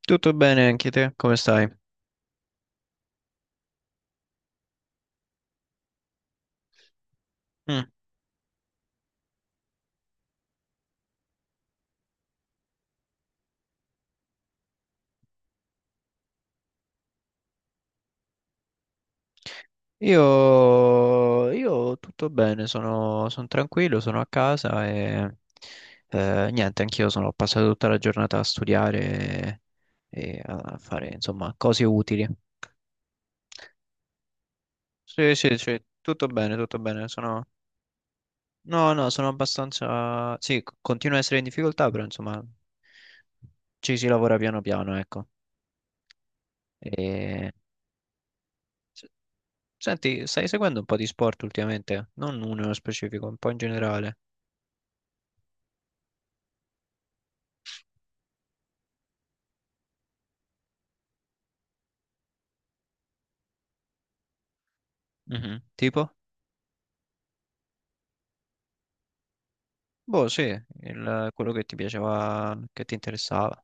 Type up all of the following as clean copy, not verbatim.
Tutto bene anche te? Come stai? Mm. Io tutto bene, sono tranquillo, sono a casa e niente, anch'io sono passato tutta la giornata a studiare e a fare insomma cose utili. Sì, sì, sì, tutto bene, tutto bene. Sono... No, no, sono abbastanza... Sì, continuo a essere in difficoltà, però insomma ci si lavora piano piano, ecco. E... Senti, stai seguendo un po' di sport ultimamente? Non uno nello specifico, un po' in generale. Mhm. Tipo? Boh, sì, quello che ti piaceva, che ti interessava.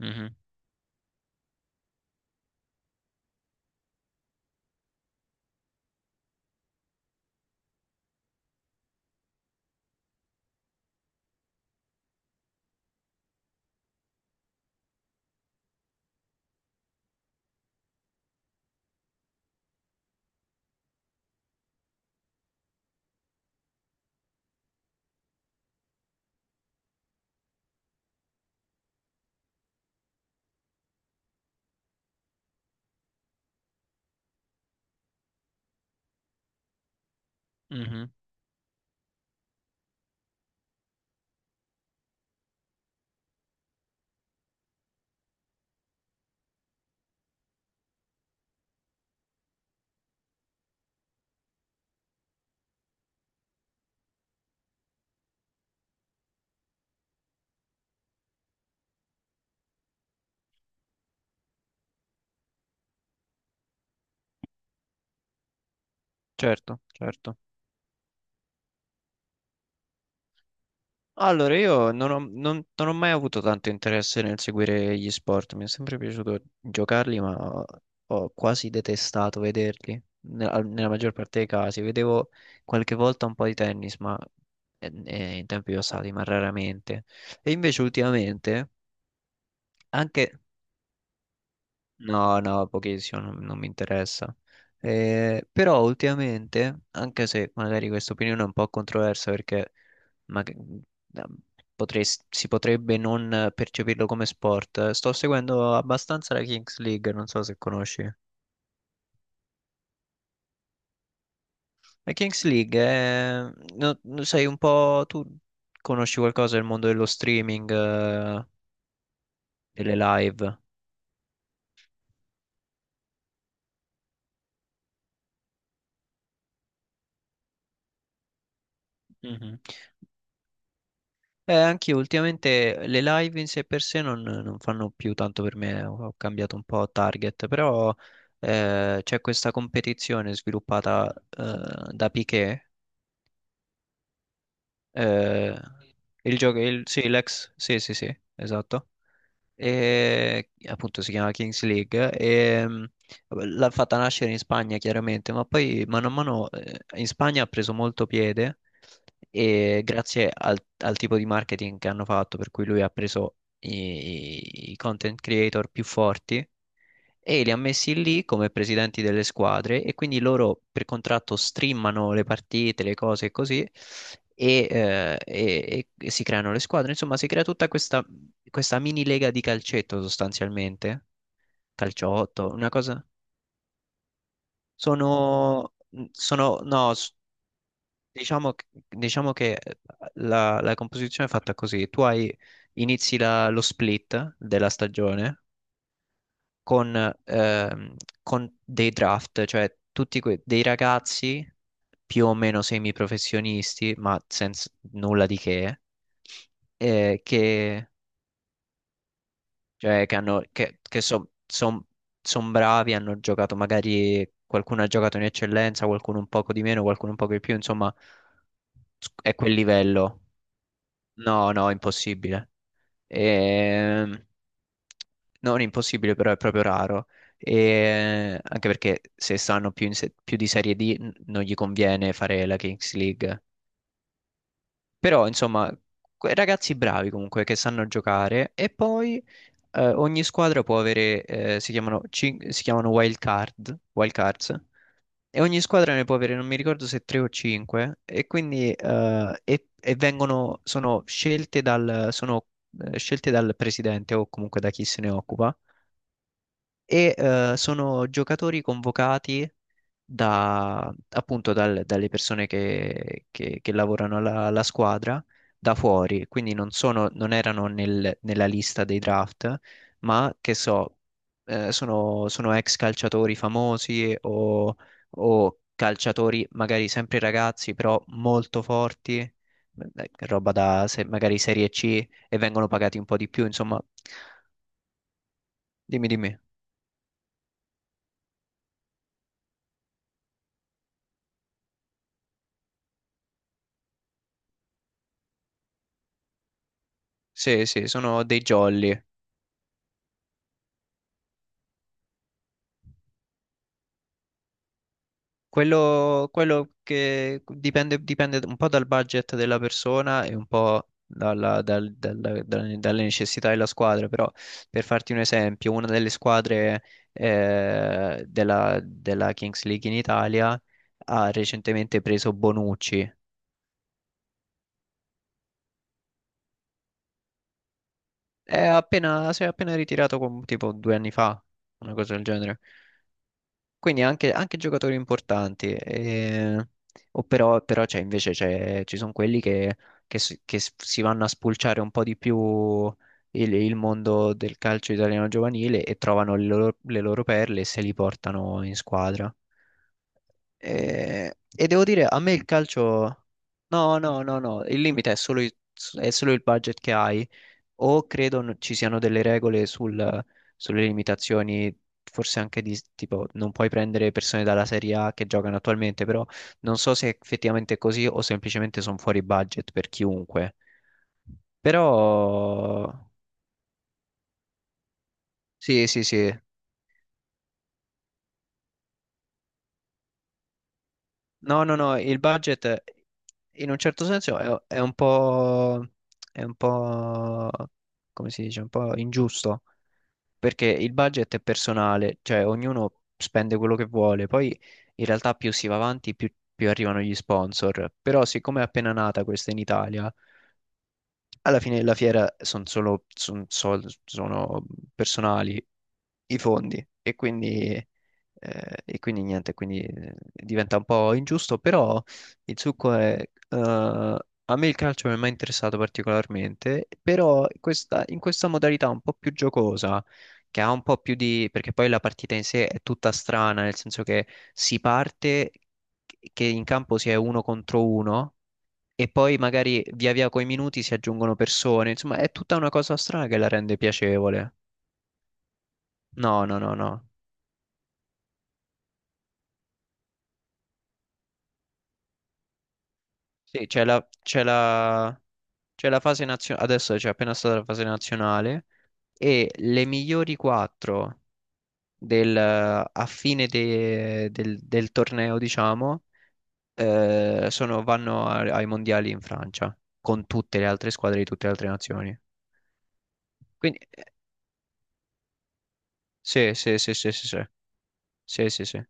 Mhm, mhm. Certo, certo. Allora, io non ho mai avuto tanto interesse nel seguire gli sport. Mi è sempre piaciuto giocarli, ma ho quasi detestato vederli. Nella maggior parte dei casi. Vedevo qualche volta un po' di tennis, ma in tempi passati, ma raramente. E invece ultimamente. Anche no, no, pochissimo, non mi interessa. Però ultimamente, anche se magari questa opinione è un po' controversa perché ma- da- si potrebbe non percepirlo come sport, sto seguendo abbastanza la Kings League, non so se conosci. La Kings League è, no, sai un po', tu conosci qualcosa del mondo dello streaming, delle live? Mhm. Anche io ultimamente le live in sé per sé non fanno più tanto per me, ho cambiato un po' target, però c'è questa competizione sviluppata da Piqué, eh, sì, l'ex, sì, sì, sì, esatto e appunto si chiama Kings League e l'ha fatta nascere in Spagna chiaramente, ma poi mano a mano in Spagna ha preso molto piede e grazie al tipo di marketing che hanno fatto, per cui lui ha preso i content creator più forti e li ha messi lì come presidenti delle squadre e quindi loro per contratto streamano le partite, le cose e così e si creano le squadre. Insomma, si crea tutta questa mini lega di calcetto sostanzialmente, calciotto, una cosa. Sono, sono no, diciamo che la composizione è fatta così. Inizi lo split della stagione con, ehm, con dei draft, cioè dei ragazzi più o meno semiprofessionisti, ma senza nulla di che, cioè, che hanno, che so- son- son bravi, hanno giocato magari, qualcuno ha giocato in eccellenza, qualcuno un poco di meno, qualcuno un poco di più, insomma, è quel livello. No, no, impossibile. Ehm, non impossibile, però è proprio raro. E anche perché se stanno più, in se- più di Serie D non gli conviene fare la Kings League. Però, insomma, ragazzi bravi comunque che sanno giocare. E poi ogni squadra può avere, si chiamano wild card, wild cards. E ogni squadra ne può avere, non mi ricordo se 3 o 5, e quindi e vengono, scelte dal presidente o comunque da chi se ne occupa, sono giocatori convocati da, dalle persone che lavorano alla squadra da fuori, quindi non sono, non erano nel- nella lista dei draft, ma che so, sono ex calciatori famosi o calciatori magari sempre ragazzi, però molto forti, roba da se- magari Serie C e vengono pagati un po' di più, insomma, dimmi, dimmi. Sì, sì, sono dei jolly. Dipende un po' dal budget della persona e un po' dalle necessità della squadra, però per farti un esempio, una delle squadre della Kings League in Italia ha recentemente preso Bonucci. È appena, si è appena ritirato tipo 2 anni fa, una cosa del genere. Quindi anche, anche giocatori importanti, però ci sono quelli che, si vanno a spulciare un po' di più il mondo del calcio italiano giovanile e trovano le loro perle e se li portano in squadra. E devo dire, a me il calcio... No, no, no, no, il limite è solo è solo il budget che hai o credo ci siano delle regole sulle limitazioni, forse anche di tipo non puoi prendere persone dalla Serie A che giocano attualmente, però non so se è effettivamente così o semplicemente sono fuori budget per chiunque. Però sì, sì, sì. No, no, no, il budget in un certo senso è un po', come si dice, un po' ingiusto, perché il budget è personale, cioè ognuno spende quello che vuole, poi in realtà più si va avanti più arrivano gli sponsor, però siccome è appena nata questa in Italia, alla fine della fiera sono solo son sol- sono personali i fondi e quindi niente, quindi diventa un po' ingiusto, però il succo è... eh, a me il calcio non mi è mai interessato particolarmente, però in questa modalità un po' più giocosa, che ha un po' più di... perché poi la partita in sé è tutta strana, nel senso che si parte che in campo si è uno contro uno e poi magari via via coi minuti si aggiungono persone, insomma è tutta una cosa strana che la rende piacevole. No, no, no, no. Sì, c'è la fase nazionale, adesso c'è appena stata la fase nazionale e le migliori 4 a fine del torneo, diciamo, vanno ai mondiali in Francia con tutte le altre squadre di tutte le altre nazioni. Quindi, sì, sì, sì, sì, sì, sì, sì, sì. Sì.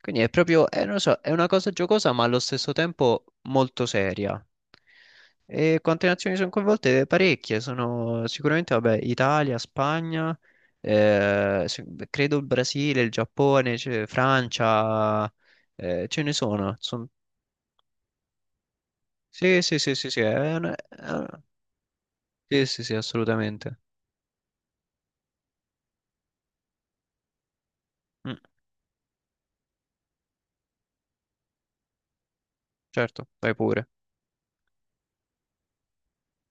Quindi è proprio, non lo so, è una cosa giocosa ma allo stesso tempo molto seria. E quante nazioni sono coinvolte? Parecchie, sono sicuramente, vabbè, Italia, Spagna, credo il Brasile, il Giappone, c'è Francia, ce ne sono. Sì, sì, sì, sì, sì, è una sì, sì, sì, assolutamente. Mm, certo, vai pure.